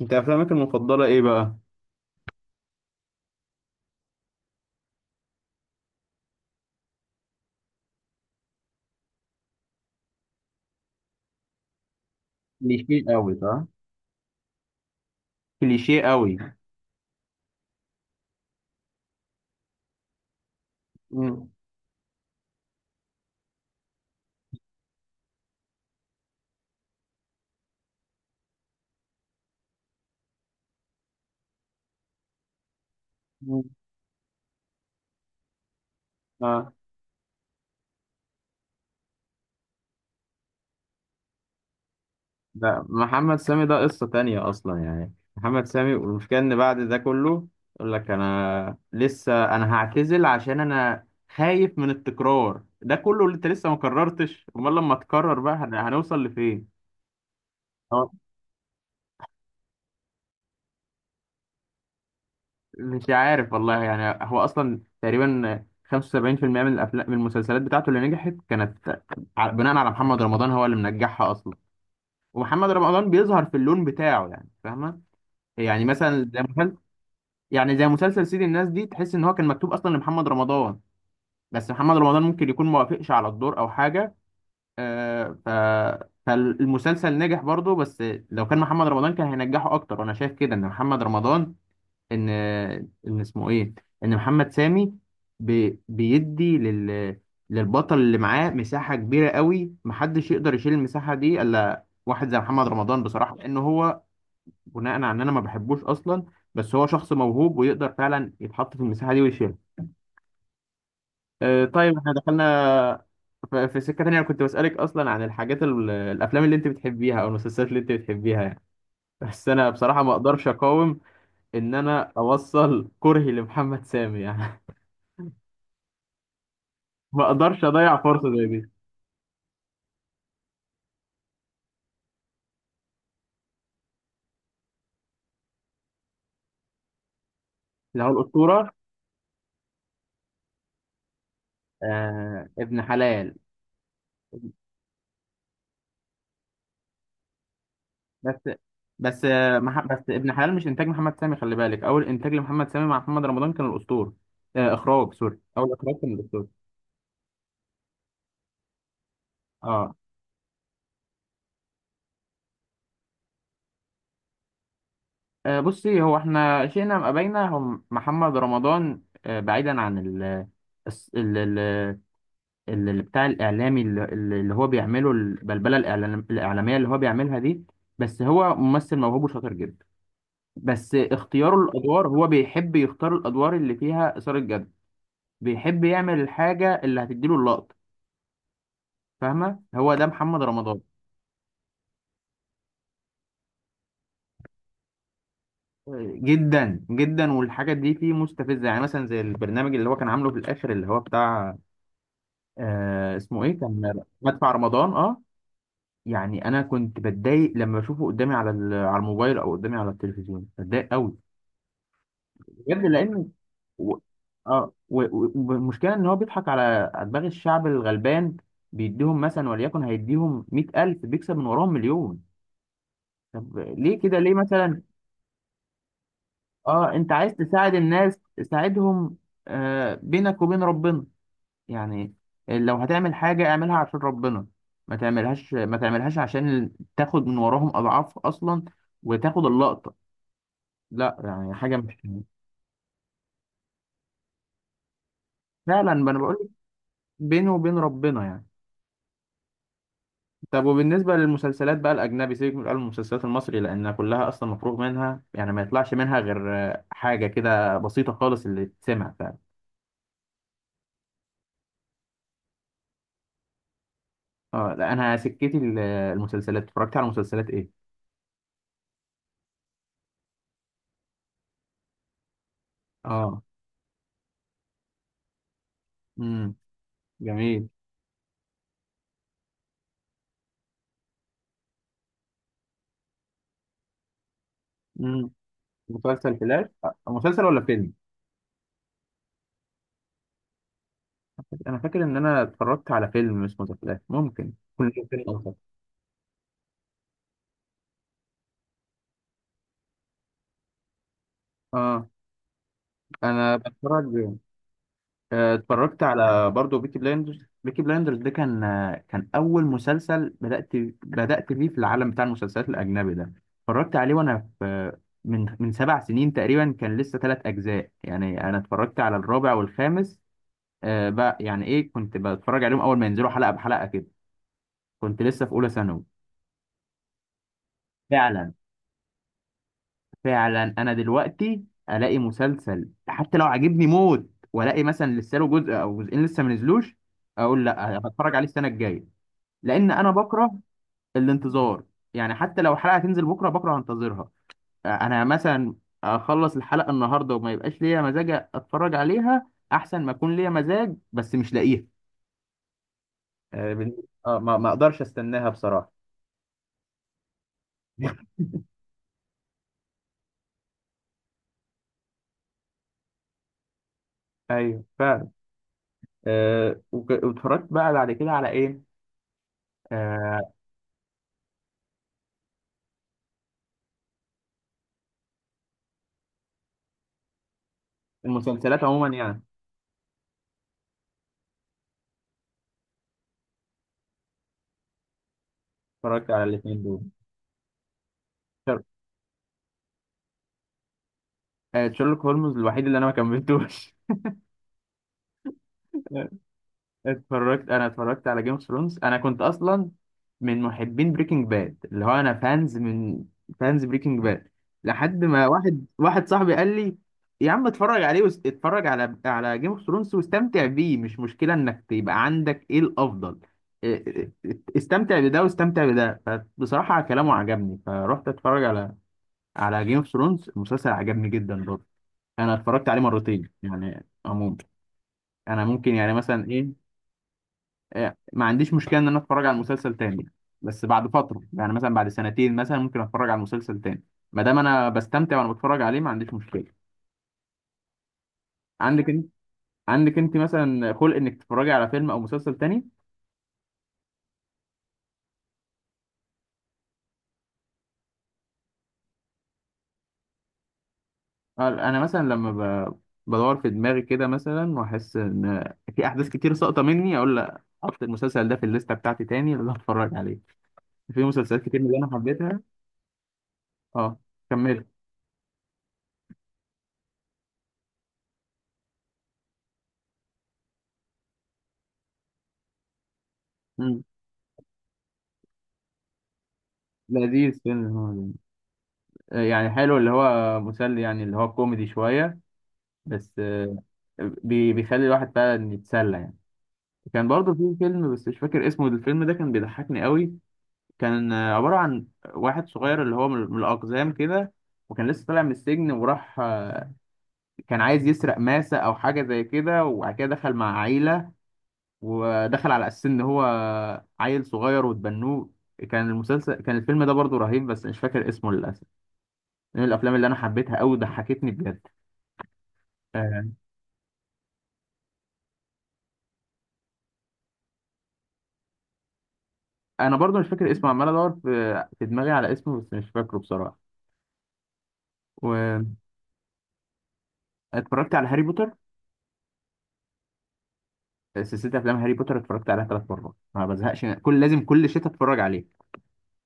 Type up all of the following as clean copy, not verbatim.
انت افلامك المفضله ايه بقى؟ كليشيه قوي، صح؟ كليشيه قوي. مم. مم. اه، لا، محمد سامي ده قصه تانية اصلا. يعني محمد سامي، والمشكله ان بعد ده كله يقول لك انا لسه، انا هعتزل عشان انا خايف من التكرار ده كله اللي انت لسه ما كررتش. امال لما تكرر بقى هنوصل لفين؟ اه، مش عارف والله. يعني هو اصلا تقريبا 75% من الافلام، من المسلسلات بتاعته اللي نجحت كانت بناء على محمد رمضان، هو اللي منجحها اصلا. ومحمد رمضان بيظهر في اللون بتاعه، يعني فاهمه. يعني مثلا زي مسلسل، يعني زي مسلسل سيد الناس دي، تحس ان هو كان مكتوب اصلا لمحمد رمضان، بس محمد رمضان ممكن يكون ما وافقش على الدور او حاجه. آه ف فالمسلسل نجح برضه، بس لو كان محمد رمضان كان هينجحه اكتر. وانا شايف كده ان محمد رمضان، ان، ان اسمه ايه، ان محمد سامي بيدي للبطل اللي معاه مساحه كبيره قوي، محدش يقدر يشيل المساحه دي الا واحد زي محمد رمضان بصراحه، لان هو، بناء على ان انا ما بحبوش اصلا، بس هو شخص موهوب ويقدر فعلا يتحط في المساحه دي ويشيلها. آه، طيب احنا دخلنا في سكه تانية. انا كنت بسالك اصلا عن الحاجات، الافلام اللي انت بتحبيها او المسلسلات اللي انت بتحبيها يعني، بس انا بصراحه ما اقدرش اقاوم ان انا اوصل كرهي لمحمد سامي يعني. ما اقدرش اضيع فرصه زي دي. اللي هو الاسطوره. آه، ابن حلال. بس، بس، بس ابن حلال مش انتاج محمد سامي، خلي بالك. اول انتاج لمحمد سامي مع محمد رمضان كان الاسطول. آه، اخراج سوري، اول اخراج كان الاسطول. اه. آه، بصي، هو احنا شئنا ام ابينا هو محمد رمضان. آه، بعيدا عن ال الس- ال ال ال- ال- بتاع الاعلامي، اللي هو بيعمله، البلبله الاعلاميه اللي هو بيعملها دي، بس هو ممثل موهوب وشاطر جدا. بس اختياره الادوار، هو بيحب يختار الادوار اللي فيها اثاره جد، بيحب يعمل الحاجه اللي هتديله اللقطه. فاهمه، هو ده محمد رمضان. جدا جدا، والحاجات دي فيه مستفزه. يعني مثلا زي البرنامج اللي هو كان عامله في الاخر اللي هو بتاع، آه، اسمه ايه، كان مدفع رمضان، اه. يعني انا كنت بتضايق لما بشوفه قدامي على على الموبايل او قدامي على التلفزيون، بتضايق قوي بجد. لان و... والمشكله ان هو بيضحك على دماغ الشعب الغلبان. بيديهم مثلا، وليكن هيديهم 100,000، بيكسب من وراهم مليون. طب ليه كده؟ ليه مثلا؟ اه، انت عايز تساعد الناس، تساعدهم. آه، بينك وبين ربنا يعني. لو هتعمل حاجة اعملها عشان ربنا، ما تعملهاش، ما تعملهاش عشان تاخد من وراهم اضعاف اصلا، وتاخد اللقطة. لا يعني حاجة مش، فعلا ما انا بقول لك، بينه وبين ربنا يعني. طب وبالنسبة للمسلسلات بقى الأجنبي، سيبك من المسلسلات المصري لأنها كلها أصلا مفروغ منها يعني، ما يطلعش منها غير آه، حاجة كده بسيطة خالص اللي تسمع فعلا. اه، لا، أنا سكتي المسلسلات، اتفرجت على مسلسلات إيه؟ اه. امم. جميل. امم. مسلسل فلاش، أه، مسلسل ولا فيلم؟ انا فاكر ان انا اتفرجت على فيلم اسمه ذا فلاش، ممكن كنت فيلم أصلاً. اه، انا بتفرج. آه، اتفرجت على برضه بيكي بلايندرز. بيكي بلايندرز ده كان، آه، كان اول مسلسل بدات فيه في العالم بتاع المسلسلات الاجنبي ده. اتفرجت عليه وانا في، من 7 سنين تقريبا. كان لسه 3 اجزاء يعني، انا اتفرجت على الرابع والخامس. آه، بقى يعني، ايه، كنت بتفرج عليهم اول ما ينزلوا حلقه بحلقه كده. كنت لسه في اولى ثانوي. فعلا. فعلا، انا دلوقتي الاقي مسلسل حتى لو عجبني موت والاقي مثلا لسه له جزء او جزئين لسه ما نزلوش، اقول لا، هتفرج عليه السنه الجايه. لان انا بكره الانتظار. يعني حتى لو حلقه هتنزل بكره، بكره هنتظرها. انا مثلا اخلص الحلقه النهارده وما يبقاش ليا مزاج اتفرج عليها، احسن ما اكون ليا مزاج بس مش لاقيها. آه، بن- آه، ما اقدرش استناها بصراحه. ايوه، فعلا. أه، واتفرجت بقى بعد كده على ايه. آه، المسلسلات عموما يعني. اتفرجت على الاثنين دول. شر- آه، شيرلوك هولمز الوحيد اللي انا ما كملتوش. اتفرجت، انا اتفرجت على جيم اوف ثرونز. انا كنت اصلا من محبين بريكنج باد، اللي هو انا فانز من، فانز بريكنج باد، لحد ما واحد صاحبي قال لي يا عم اتفرج عليه اتفرج على، على جيم اوف ثرونز واستمتع بيه، مش مشكلة انك تبقى عندك ايه الافضل. إيه- استمتع بده واستمتع بده. فبصراحة كلامه عجبني، فرحت اتفرج على، على جيم اوف ثرونز. المسلسل عجبني جدا برضه، انا اتفرجت عليه مرتين يعني عموما. انا ممكن يعني مثلا ايه، إيه، ما عنديش مشكله ان انا اتفرج على المسلسل تاني. بس بعد فتره يعني مثلا بعد سنتين مثلا ممكن اتفرج على المسلسل تاني، ما دام انا بستمتع وانا بتفرج عليه، ما عنديش مشكله. عندك انت، عندك انت مثلا خلق انك تتفرجي على فيلم او مسلسل تاني؟ آه، انا مثلا لما ب... بدور في دماغي كده مثلا واحس ان في احداث كتير ساقطه مني، اقول لا، احط المسلسل ده في الليسته بتاعتي تاني اللي هتفرج عليه. في مسلسلات كتير من اللي انا حبيتها. اه، كملت. مم. لذيذ فيلم هو ده. آه، يعني حلو، اللي هو مسلي يعني، اللي هو كوميدي شوية بس. آه، بيخلي الواحد فعلا يتسلى يعني. كان برضه في فيلم بس مش فاكر اسمه، الفيلم ده كان بيضحكني قوي. كان آه، عبارة عن واحد صغير اللي هو من الأقزام كده، وكان لسه طالع من السجن وراح آه، كان عايز يسرق ماسة أو حاجة زي كده، وبعد كده دخل مع عيلة ودخل على اساس ان هو عيل صغير وتبنوه. كان المسلسل، كان الفيلم ده برضو رهيب بس مش فاكر اسمه للاسف. من الافلام اللي انا حبيتها قوي، ضحكتني بجد. آه، انا برضو مش فاكر اسمه، عمال ادور في دماغي على اسمه بس مش فاكره بصراحه. واتفرجت على هاري بوتر. سلسله افلام هاري بوتر اتفرجت عليها 3 مرات، ما بزهقش كل، لازم كل شتاء اتفرج عليه.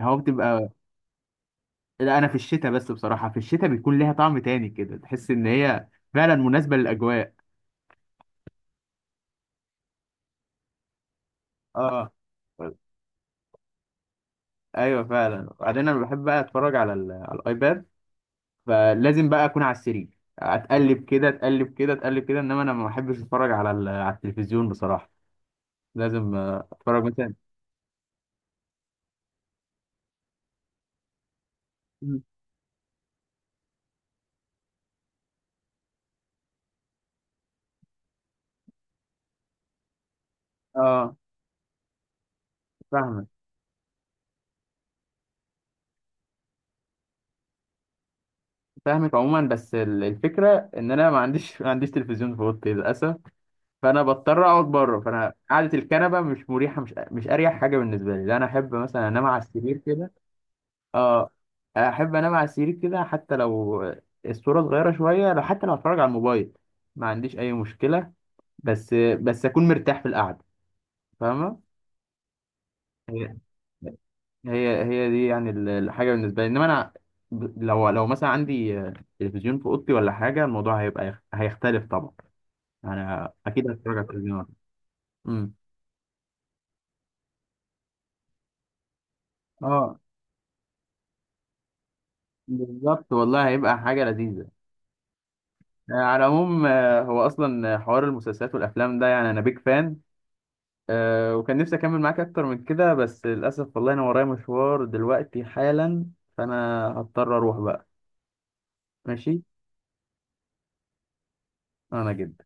هو بتبقى، لا، انا في الشتاء بس بصراحه. في الشتاء بيكون ليها طعم تاني كده، تحس ان هي فعلا مناسبه للاجواء. اه، ايوه، فعلا. وبعدين انا بحب بقى اتفرج على على الايباد. فلازم بقى اكون على السرير، اتقلب كده اتقلب كده اتقلب كده. انما انا ما بحبش اتفرج على على التلفزيون بصراحه. لازم آه، اتفرج مثلا. مم. اه، فاهمك. فاهمك عموما، بس الفكره ان انا ما عنديش، ما عنديش تلفزيون في اوضتي للاسف. فانا بضطر اقعد بره، فانا قعده الكنبه مش مريحه، مش اريح حاجه بالنسبه لي. لا، انا احب مثلا انام على السرير كده. اه. احب انام على السرير كده حتى لو الصوره صغيره شويه، لو حتى لو اتفرج على الموبايل ما عنديش اي مشكله، بس اكون مرتاح في القعده. فاهمه. هي، هي دي يعني الحاجه بالنسبه لي. انما انا، لو مثلا عندي تلفزيون في اوضتي ولا حاجه، الموضوع هيبقى هيختلف طبعا. انا اكيد هتفرج على التلفزيون. امم. اه، بالظبط والله، هيبقى حاجه لذيذه. آه، على العموم، آه، هو اصلا حوار المسلسلات والافلام ده، يعني انا بيك فان. أه، وكان نفسي اكمل معاك اكتر من كده بس للاسف والله انا ورايا مشوار دلوقتي حالا، فانا هضطر اروح بقى. ماشي. انا جدا.